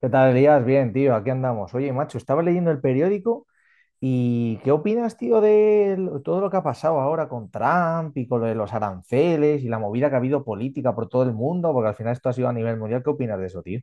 ¿Qué tal, Elías? Bien, tío, aquí andamos. Oye, macho, estaba leyendo el periódico y ¿qué opinas, tío, de todo lo que ha pasado ahora con Trump y con lo de los aranceles y la movida que ha habido política por todo el mundo? Porque al final esto ha sido a nivel mundial. ¿Qué opinas de eso, tío?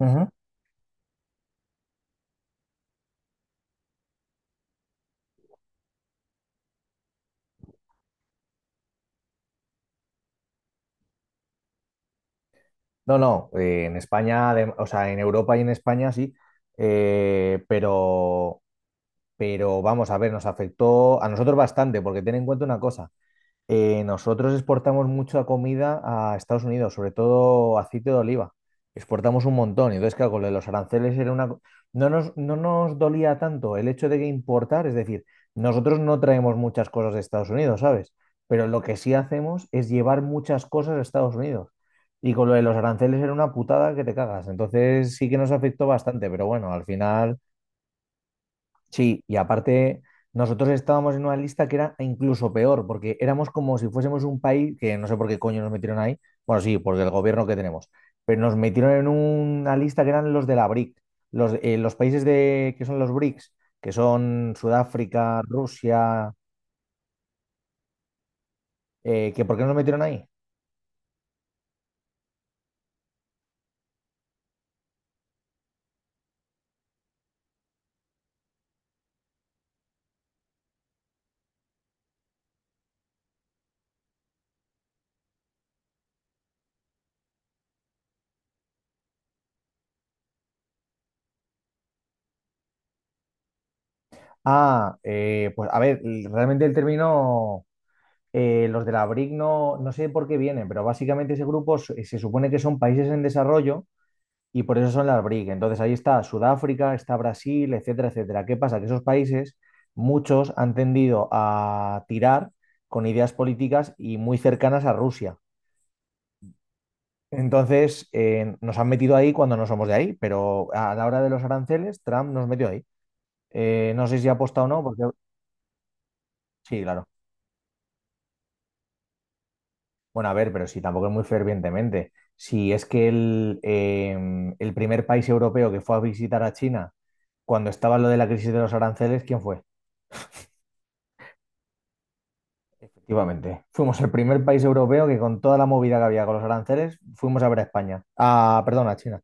Ujú. No, no, en España, o sea, en Europa y en España sí, eh, pero, pero vamos a ver, nos afectó a nosotros bastante, porque ten en cuenta una cosa. Nosotros exportamos mucha comida a Estados Unidos, sobre todo aceite de oliva. Exportamos un montón. Y entonces, claro, con lo de los aranceles era una. No nos dolía tanto el hecho de que importar, es decir, nosotros no traemos muchas cosas de Estados Unidos, ¿sabes? Pero lo que sí hacemos es llevar muchas cosas a Estados Unidos. Y con lo de los aranceles era una putada que te cagas. Entonces sí que nos afectó bastante, pero bueno, al final. Sí, y aparte nosotros estábamos en una lista que era incluso peor, porque éramos como si fuésemos un país que no sé por qué coño nos metieron ahí. Bueno, sí, porque el gobierno que tenemos, pero nos metieron en una lista que eran los de la BRIC, los países de, que son los BRICS, que son Sudáfrica, Rusia, que ¿por qué nos metieron ahí? Pues a ver, realmente el término, los de la BRIC no sé por qué vienen, pero básicamente ese grupo se supone que son países en desarrollo y por eso son las BRIC. Entonces ahí está Sudáfrica, está Brasil, etcétera, etcétera. ¿Qué pasa? Que esos países, muchos han tendido a tirar con ideas políticas y muy cercanas a Rusia. Entonces nos han metido ahí cuando no somos de ahí, pero a la hora de los aranceles, Trump nos metió ahí. No sé si ha o no, porque sí, claro. Bueno, a ver, pero sí, tampoco es muy fervientemente. Si es que el primer país europeo que fue a visitar a China cuando estaba lo de la crisis de los aranceles, ¿quién fue? Efectivamente. Fuimos el primer país europeo que con toda la movida que había con los aranceles, fuimos a ver a España. Ah, perdón, a China.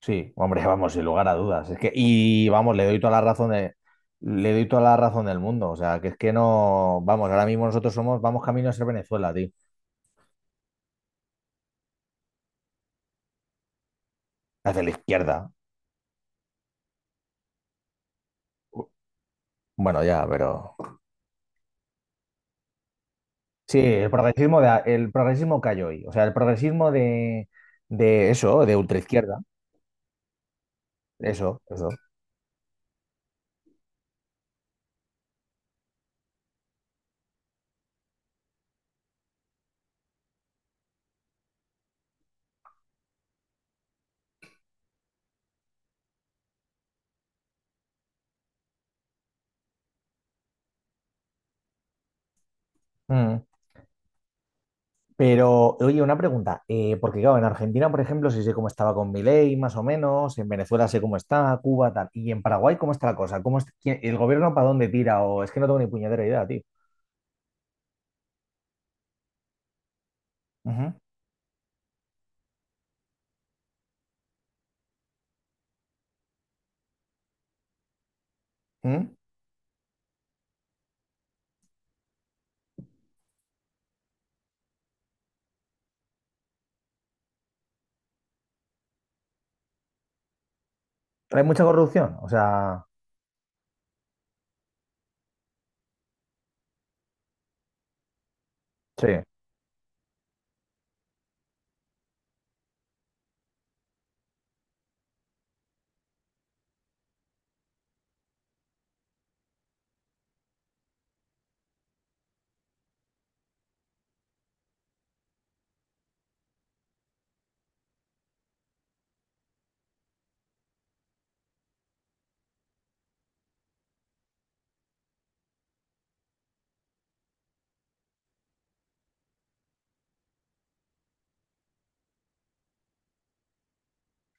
Sí, hombre, vamos, sin lugar a dudas. Es que, y vamos, le doy toda la razón del mundo. O sea, que es que no, vamos, ahora mismo nosotros somos, vamos camino a ser Venezuela, tío. Hacia la izquierda. Bueno, ya, pero. Sí, el progresismo el progresismo cayó hoy. O sea, el progresismo de eso, de ultraizquierda. Eso, eso. Mm. Pero, oye, una pregunta, porque claro, en Argentina, por ejemplo, sí sé cómo estaba con Milei, más o menos, en Venezuela sé cómo está, Cuba, tal, y en Paraguay, ¿cómo está la cosa? ¿Cómo el gobierno para dónde tira? O es que no tengo ni puñetera idea, tío. Ujú. ¿Mm? ¿Hay mucha corrupción? O sea, sí,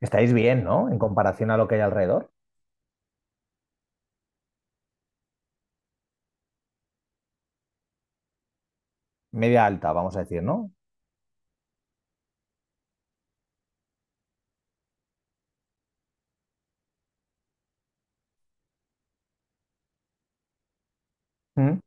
estáis bien, ¿no? En comparación a lo que hay alrededor. Media alta, vamos a decir, ¿no? ¿Mm?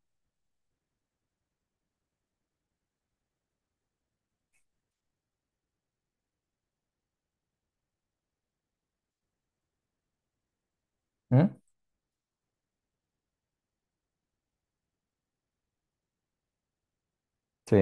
¿Mm? Sí.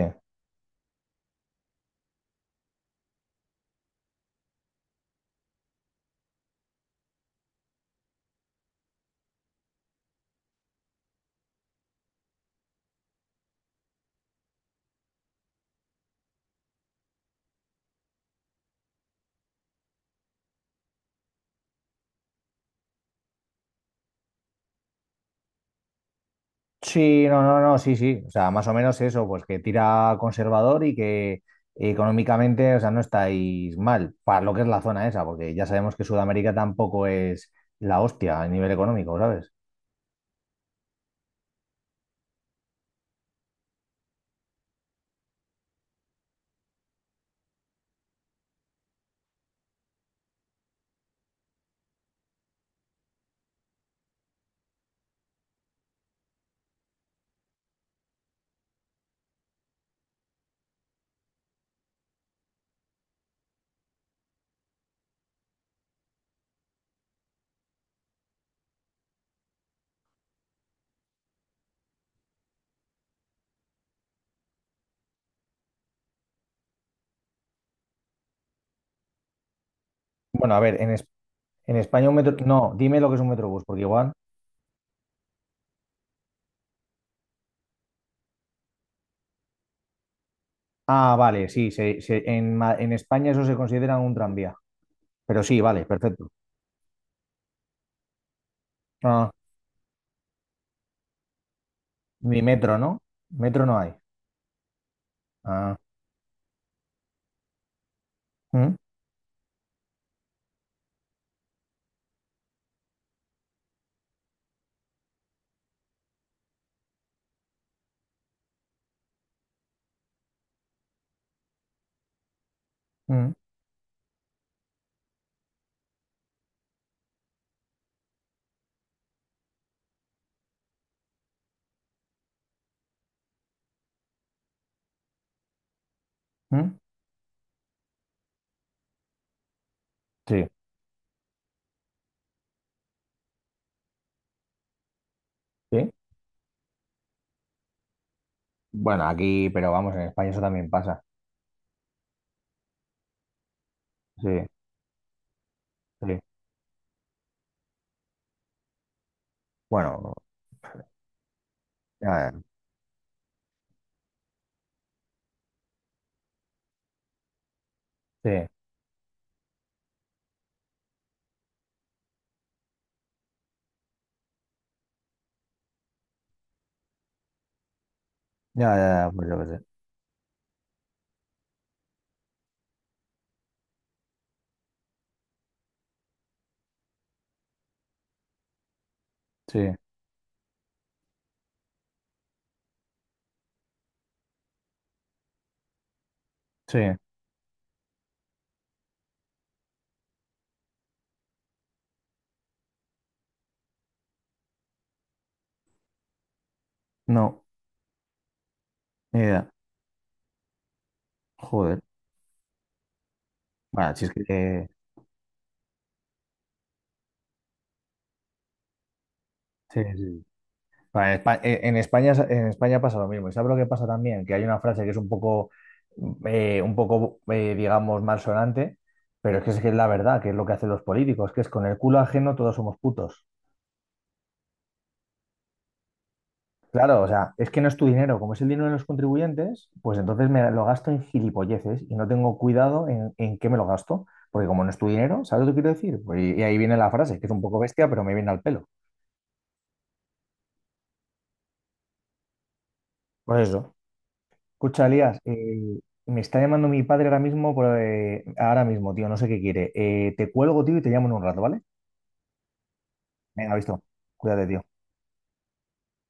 Sí, no, no, no, sí, sí. O sea, más o menos eso, pues que tira conservador y que económicamente, o sea, no estáis mal para lo que es la zona esa, porque ya sabemos que Sudamérica tampoco es la hostia a nivel económico, ¿sabes? Bueno, a ver, en España un metro. No, dime lo que es un metrobús, porque igual. Ah, vale, sí, en España eso se considera un tranvía. Pero sí, vale, perfecto. Ah, ni metro, ¿no? Metro no hay. Ah, mm, mm, mm. Sí, sí. Bueno, aquí, pero vamos, en España eso también pasa. Sí, sí. Bueno, ya, ya, sí. Ya, ya, ya, pues yo qué sé. Sí, sí. No, ni idea. Joder. Bueno, si es que. Sí, sí. Bueno, en España pasa lo mismo. ¿Y sabes lo que pasa también? Que hay una frase que es un poco, digamos, malsonante, pero es que es la verdad, que es lo que hacen los políticos, que es con el culo ajeno todos somos putos. Claro, o sea, es que no es tu dinero, como es el dinero de los contribuyentes, pues entonces me lo gasto en gilipolleces y no tengo cuidado en qué me lo gasto, porque como no es tu dinero, ¿sabes lo que quiero decir? Pues y ahí viene la frase, que es un poco bestia, pero me viene al pelo. Pues eso. Escucha, Elías, me está llamando mi padre ahora mismo, ahora mismo, tío, no sé qué quiere. Te cuelgo, tío, y te llamo en un rato, ¿vale? Venga, visto. Cuídate, tío.